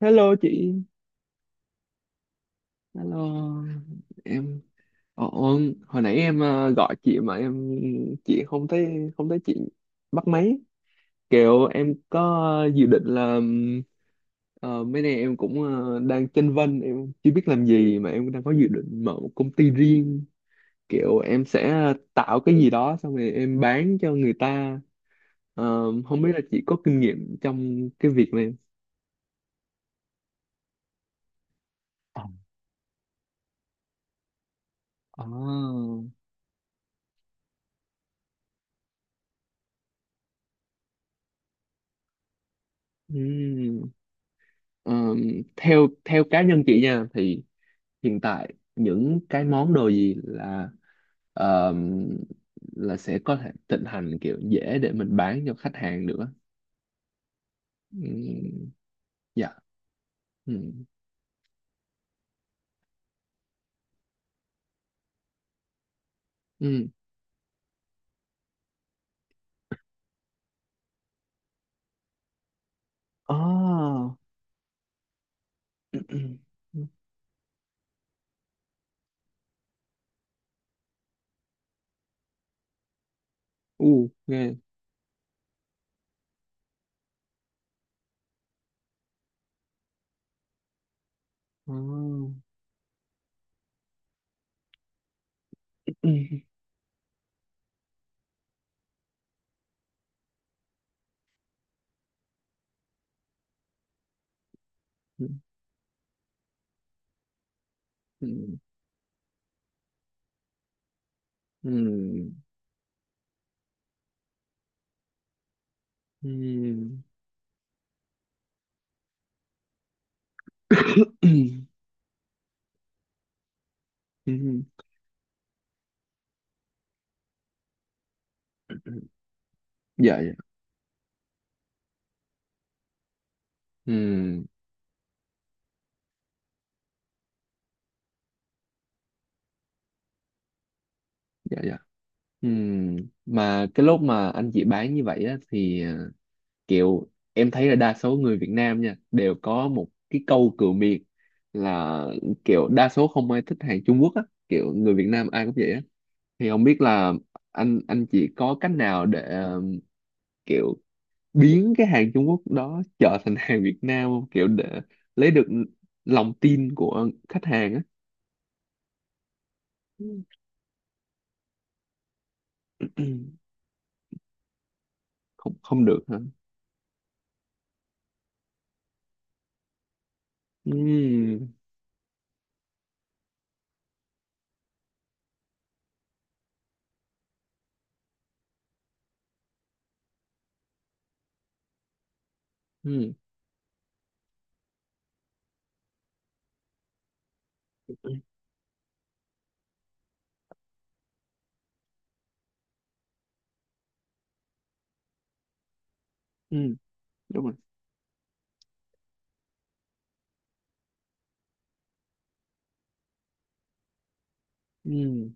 Hello chị, hello em. Ồ, hồi nãy em gọi chị mà em chị không thấy chị bắt máy. Kiểu em có dự định là mấy nay em cũng đang chênh vênh, em chưa biết làm gì mà em đang có dự định mở một công ty riêng. Kiểu em sẽ tạo cái gì đó xong rồi em bán cho người ta. Ờ, không biết là chị có kinh nghiệm trong cái việc này. Ờ. Ờ. Không? Ờ, theo theo cá nhân chị nha thì hiện tại những cái món đồ gì là ờ, là sẽ có thể thịnh hành kiểu dễ để mình bán cho khách hàng được á. Ừm, dạ. Ừm, ừm. Ờ. U nghe. Ờ. Ừm, ừm, ừm, ừm. Ừm, dạ dạ. Ừm, dạ dạ. Ừm, mà cái lúc mà anh chị bán như vậy á, thì kiểu em thấy là đa số người Việt Nam nha đều có một cái câu cửa miệng là kiểu đa số không ai thích hàng Trung Quốc á, kiểu người Việt Nam ai cũng vậy á. Thì không biết là anh chị có cách nào để kiểu biến cái hàng Trung Quốc đó trở thành hàng Việt Nam không, kiểu để lấy được lòng tin của khách hàng á. Không không được hả. Ừm, ừm, ừm, đúng rồi. Ừ.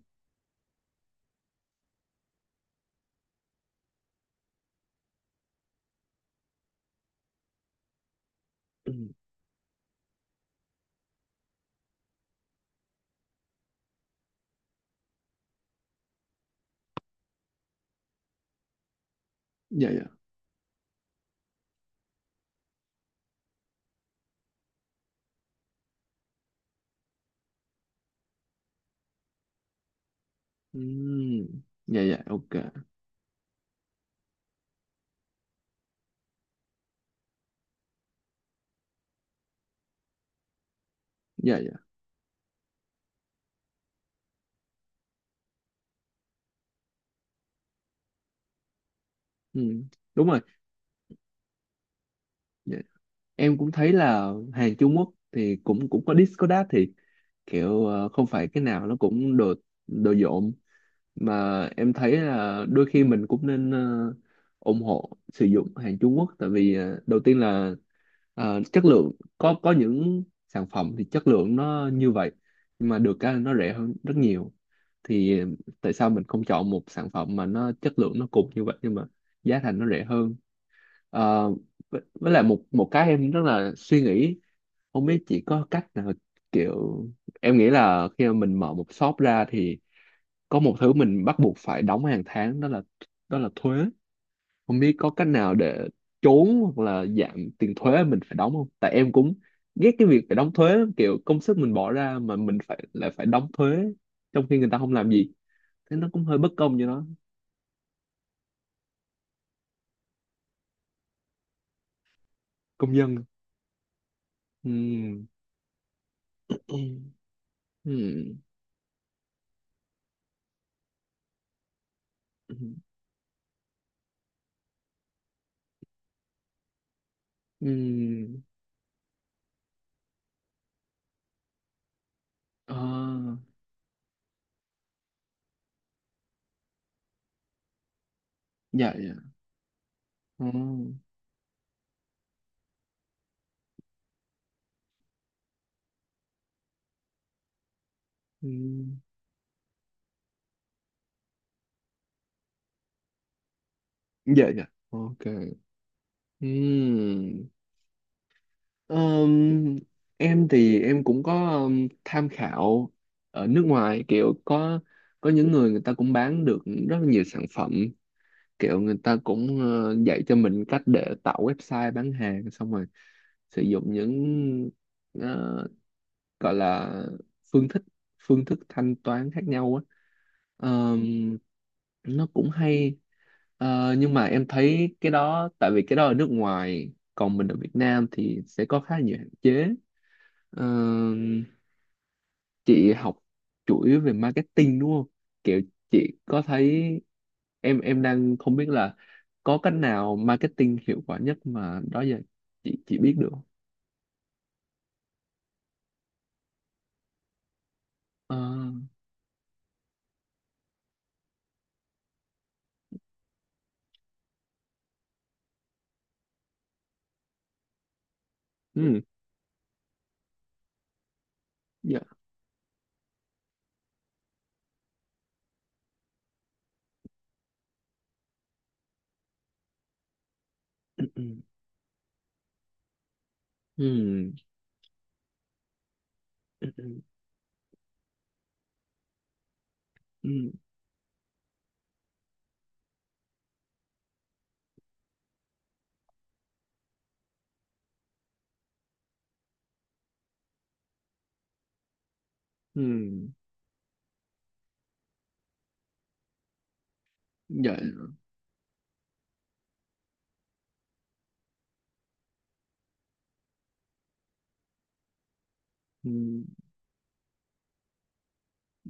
Ừ. Dạ dạ. Ừ. Dạ dạ ok. Dạ dạ. Ừ. Đúng rồi. Dạ. Em cũng thấy là hàng Trung Quốc thì cũng cũng có Discord thì kiểu không phải cái nào nó cũng đồ đồ dộm, mà em thấy là đôi khi mình cũng nên ủng hộ sử dụng hàng Trung Quốc tại vì đầu tiên là chất lượng, có những sản phẩm thì chất lượng nó như vậy nhưng mà được cái là nó rẻ hơn rất nhiều. Thì tại sao mình không chọn một sản phẩm mà nó chất lượng nó cùng như vậy nhưng mà giá thành nó rẻ hơn. Ờ, với lại một một cái em rất là suy nghĩ, không biết chỉ có cách nào, kiểu em nghĩ là khi mà mình mở một shop ra thì có một thứ mình bắt buộc phải đóng hàng tháng đó là thuế. Không biết có cách nào để trốn hoặc là giảm tiền thuế mình phải đóng không, tại em cũng ghét cái việc phải đóng thuế lắm, kiểu công sức mình bỏ ra mà mình phải lại phải đóng thuế trong khi người ta không làm gì thế, nó cũng hơi bất công cho nó. Công dân. Ừ. Ừ. Ừ. Ừ. Ừ. À, dạ dạ. Ờ. Ừ. Dạ dạ ok. Ừ. Ờm, em thì em cũng có tham khảo ở nước ngoài kiểu có những người người ta cũng bán được rất là nhiều sản phẩm, kiểu người ta cũng dạy cho mình cách để tạo website bán hàng xong rồi sử dụng những ờ, gọi là phương thức phương thức thanh toán khác nhau á. Ờm, nó cũng hay. Ờ, nhưng mà em thấy cái đó tại vì cái đó ở nước ngoài còn mình ở Việt Nam thì sẽ có khá nhiều hạn chế. Ờm, chị học chủ yếu về marketing đúng không, kiểu chị có thấy em đang không biết là có cách nào marketing hiệu quả nhất mà đó giờ chị biết được không? Ờ, ừ, dạ. Ừ, ừ, ừ, ừ, ừ. Ừ, dạ, ừ,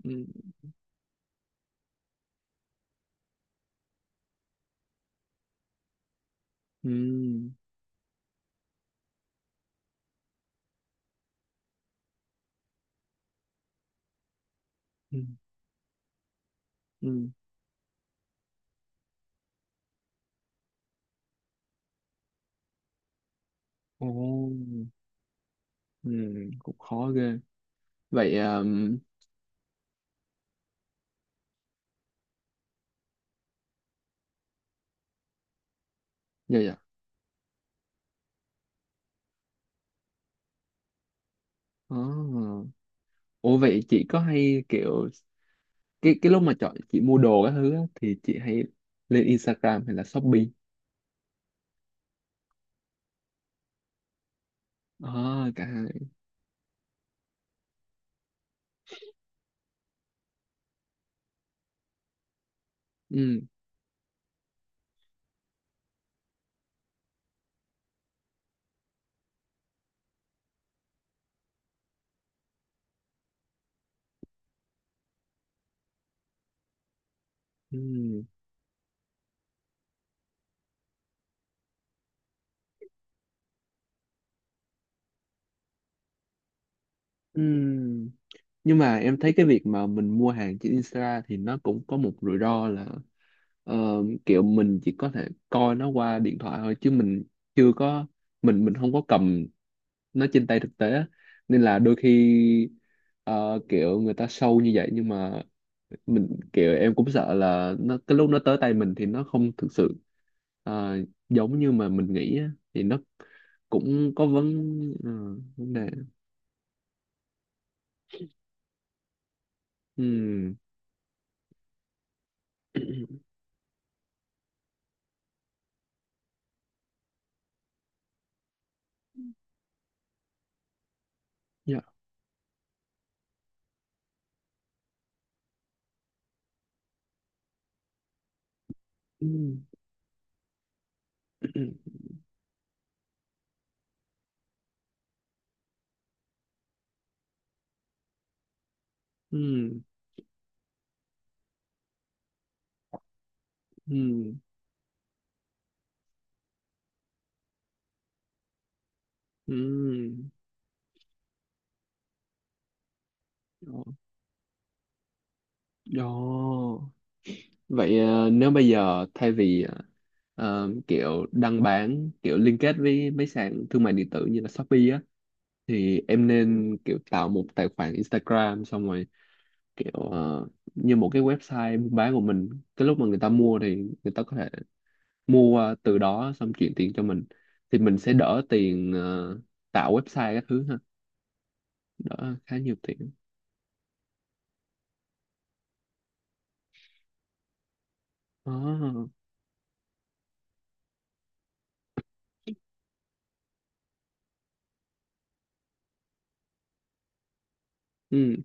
ừ, ừ, ừ, ừ. Ồ. Ừ. Cũng khó ghê. Vậy dạ dạ. À. Ủa vậy chị có hay kiểu cái lúc mà chọn chị mua đồ các thứ á, thì chị hay lên Instagram hay là Shopee? À cả hai. Ừ, ừ, ừ, nhưng mà em thấy cái việc mà mình mua hàng trên Insta thì nó cũng có một rủi ro là ờ, kiểu mình chỉ có thể coi nó qua điện thoại thôi chứ mình chưa có, mình không có cầm nó trên tay thực tế á. Nên là đôi khi kiểu người ta show như vậy nhưng mà mình kiểu em cũng sợ là nó cái lúc nó tới tay mình thì nó không thực sự ờ, giống như mà mình nghĩ á. Thì nó cũng có vấn, ờ, vấn đề. Ừ. Dạ. Ừ. Ừ. Ừ. Ừ. Đó. Đó. Vậy nếu bây giờ thay vì kiểu đăng bán kiểu liên kết với mấy sàn thương mại điện tử như là Shopee á, thì em nên kiểu tạo một tài khoản Instagram xong rồi kiểu như một cái website buôn bán của mình, cái lúc mà người ta mua thì người ta có thể mua qua từ đó xong chuyển tiền cho mình, thì mình sẽ đỡ tiền tạo website các thứ ha, đỡ khá nhiều tiền. Đó. Ừ.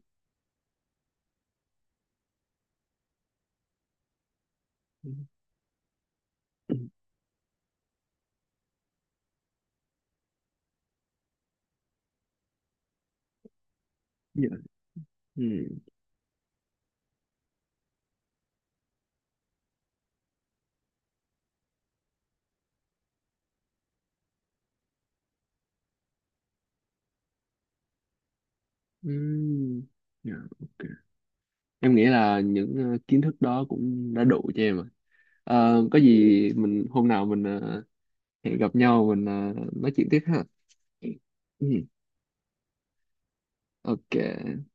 Ừ. Dạ. Ừ. Ừm, dạ, ok. Em nghĩ là những kiến thức đó cũng đã đủ cho em rồi. Ờ, có gì mình hôm nào mình hẹn gặp nhau mình nói chuyện tiếp ha. Ừm, ok,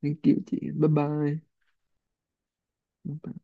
thank you chị. Bye bye. Bye bye.